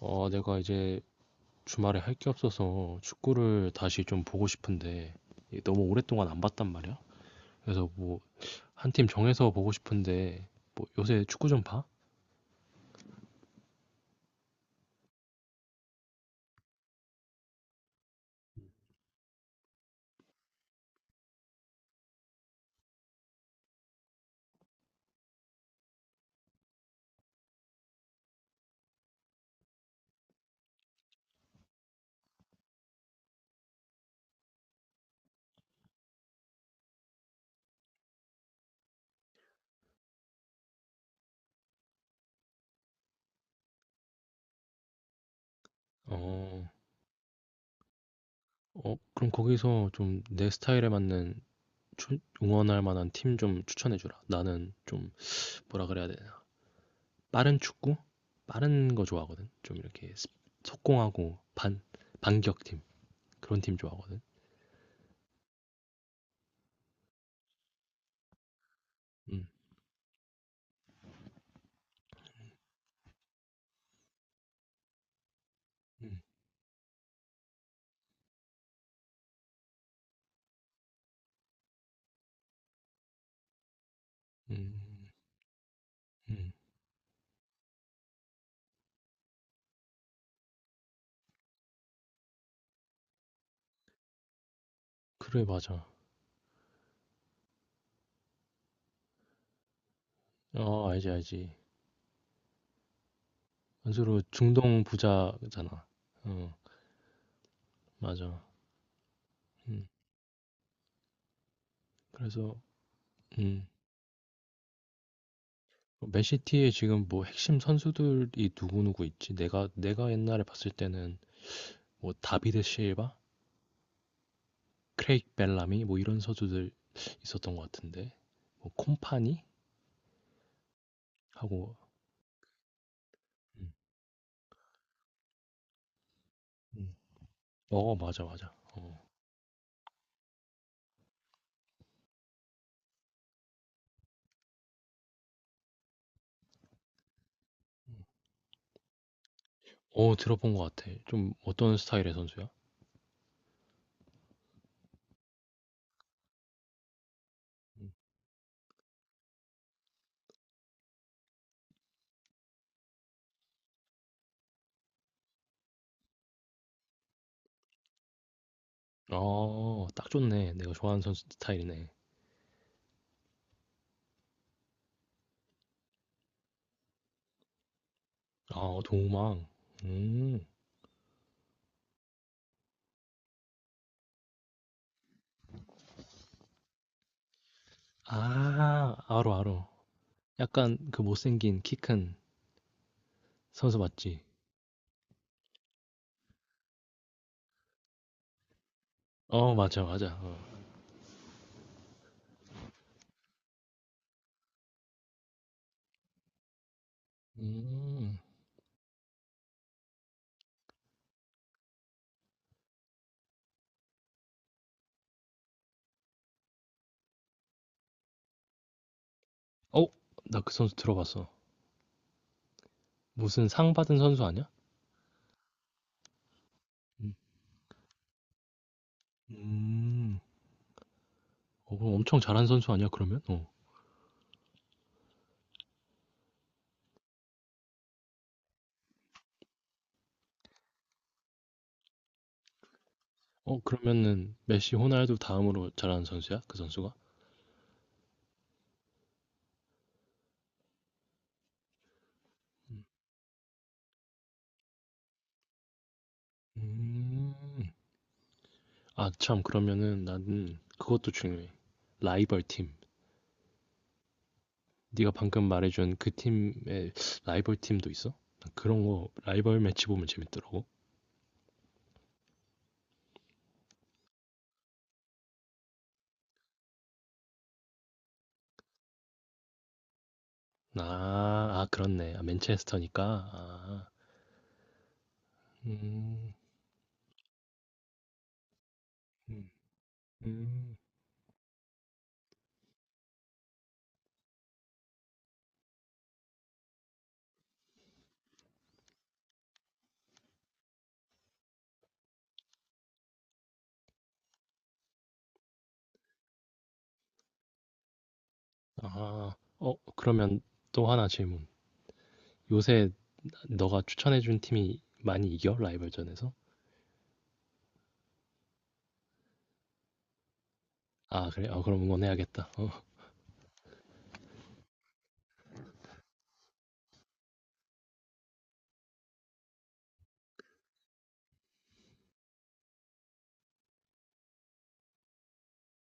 내가 이제 주말에 할 게 없어서 축구를 다시 좀 보고 싶은데 이게 너무 오랫동안 안 봤단 말이야. 그래서 뭐 한 팀 정해서 보고 싶은데 뭐 요새 축구 좀 봐? 어, 어, 그럼 거기서 좀 내 스타일에 맞는 응원할 만한 팀 좀 추천해 주라. 나는 좀 뭐라 그래야 되나? 빠른 축구? 빠른 거 좋아하거든. 좀 이렇게 속공하고 반 반격팀 그런 팀 좋아하거든. 음, 음, 음, 음. 그래 맞아. 어, 알지, 알지. 안수로 중동 부자잖아. 어, 맞아. 음, 그래서, 음, 맨시티에 지금 뭐 핵심 선수들이 누구누구 있지? 내가 옛날에 봤을 때는 뭐 다비드 실바? 크레이크 벨라미? 뭐 이런 선수들 있었던 것 같은데. 뭐 콤파니? 하고, 음, 음. 어, 맞아, 맞아. 어, 어, 들어본 것 같아. 좀 어떤 스타일의 선수야? 음. 어, 딱 좋네. 내가 좋아하는 선수 스타일이네. 아, 도우망. 음. 아, 알어, 알어. 약간 그 못생긴 키 큰 선수 맞지? 어, 맞아, 맞아. 어. 음. 어, 나 그 선수 들어봤어. 무슨 상 받은 선수 아니야? 음. 음. 어, 그럼 엄청 잘한 선수 아니야, 그러면? 어. 어, 그러면은 메시, 호날두 다음으로 잘하는 선수야? 그 선수가? 음. 아, 참, 그러면은 나는 그것도 중요해. 라이벌 팀. 네가 방금 말해준 그 팀의 라이벌 팀도 있어? 난 그런 거 라이벌 매치 보면 재밌더라고. 아. 아 그렇네. 아 맨체스터니까. 아. 음. 음. 음. 아. 어 그러면 또 하나 질문. 요새 너가 추천해 준 팀이 많이 이겨? 라이벌전에서? 아 그래? 아 그럼 응원해야겠다. 어.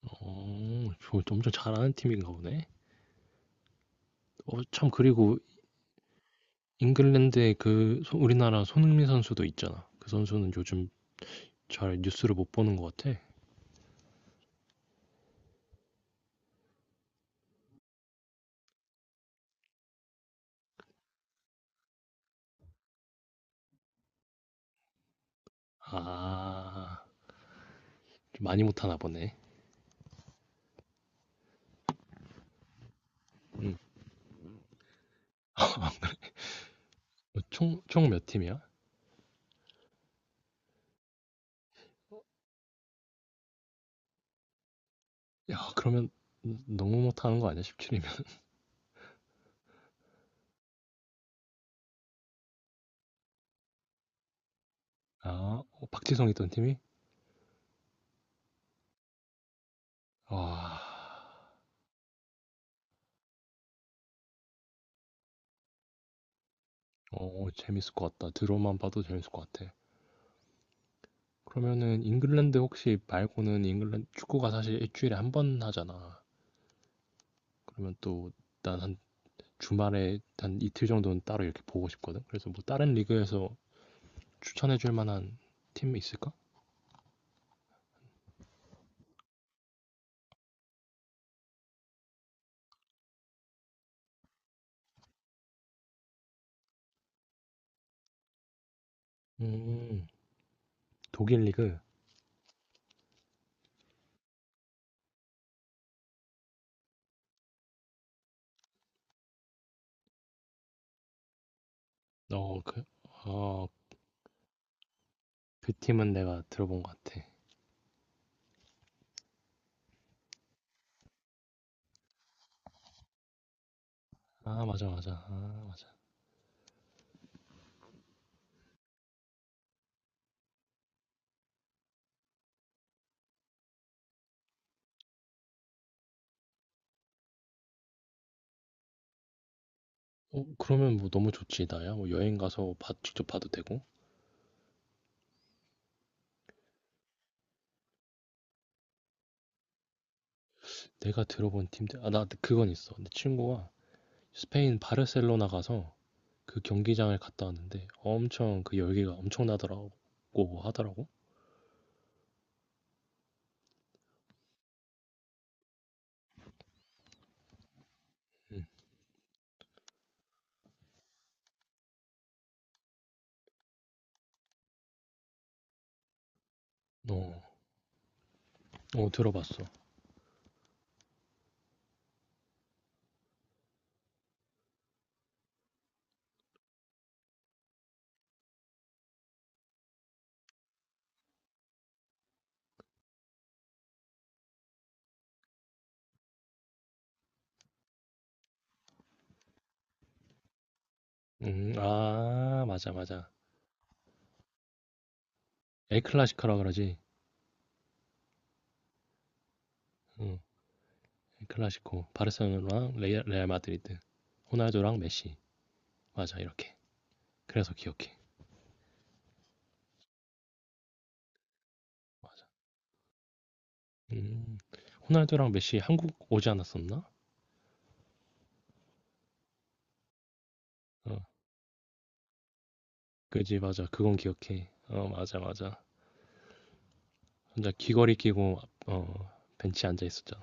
어. 저 엄청 잘하는 팀인가 보네. 어 참 그리고 잉글랜드에 그 우리나라 손흥민 선수도 있잖아. 그 선수는 요즘 잘 뉴스를 못 보는 것 같아. 아. 좀 많이 못 하나 보네. 음. 어 총 몇 팀이야? 야, 그러면 너무 못하는 거 아니야? 17이면. 아, 어, 박지성 있던 팀이? 와, 어, 어, 재밌을 것 같다. 들어만 봐도 재밌을 것 같아. 그러면은 잉글랜드 혹시 말고는 잉글랜드 축구가 사실 일주일에 한 번 하잖아. 그러면 또 난 한 주말에 한 이틀 정도는 따로 이렇게 보고 싶거든. 그래서 뭐 다른 리그에서 추천해 줄 만한 팀 있을까? 음, 독일 리그. 어, 그, 어, 그 팀은 내가 들어본 것 같아. 아, 맞아, 맞아. 아, 어 그러면 뭐 너무 좋지 나야. 뭐 여행 가서 직접 봐도 되고. 내가 들어본 팀들 아 나 그건 있어. 내 친구가 스페인 바르셀로나 가서 그 경기장을 갔다 왔는데 엄청 그 열기가 엄청나더라고 하더라고. 응. 어, 어 들어봤어. 아 맞아 맞아. 엘클라시코라 그러지. 응. 엘클라시코 바르셀로나랑 레알 마드리드. 호날두랑 메시. 맞아 이렇게. 그래서 기억해. 맞아. 음. 호날두랑 메시 한국 오지 않았었나? 어, 그지 맞아 그건 기억해 어 맞아 맞아 혼자 귀걸이 끼고 어 벤치에 앉아 있었잖아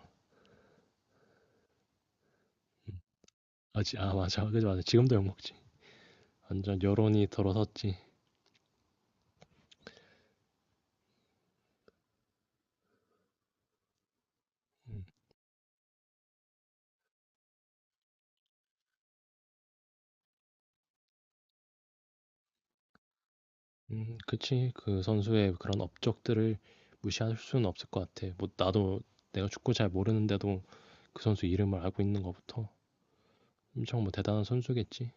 음. 아, 지, 아 맞아 그지 맞아 지금도 욕먹지 완전 여론이 들어섰지 음, 그치 그 선수의 그런 업적들을 무시할 수는 없을 것 같아 뭐 나도 내가 축구 잘 모르는데도 그 선수 이름을 알고 있는 것부터 엄청 뭐 대단한 선수겠지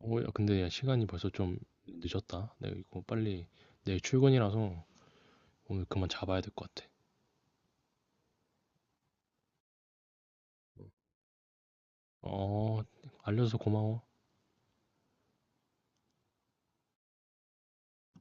어 야, 근데 야 시간이 벌써 좀 늦었다 내가 이거 빨리 내일 출근이라서 오늘 그만 잡아야 될 것 같아 어 알려줘서 고마워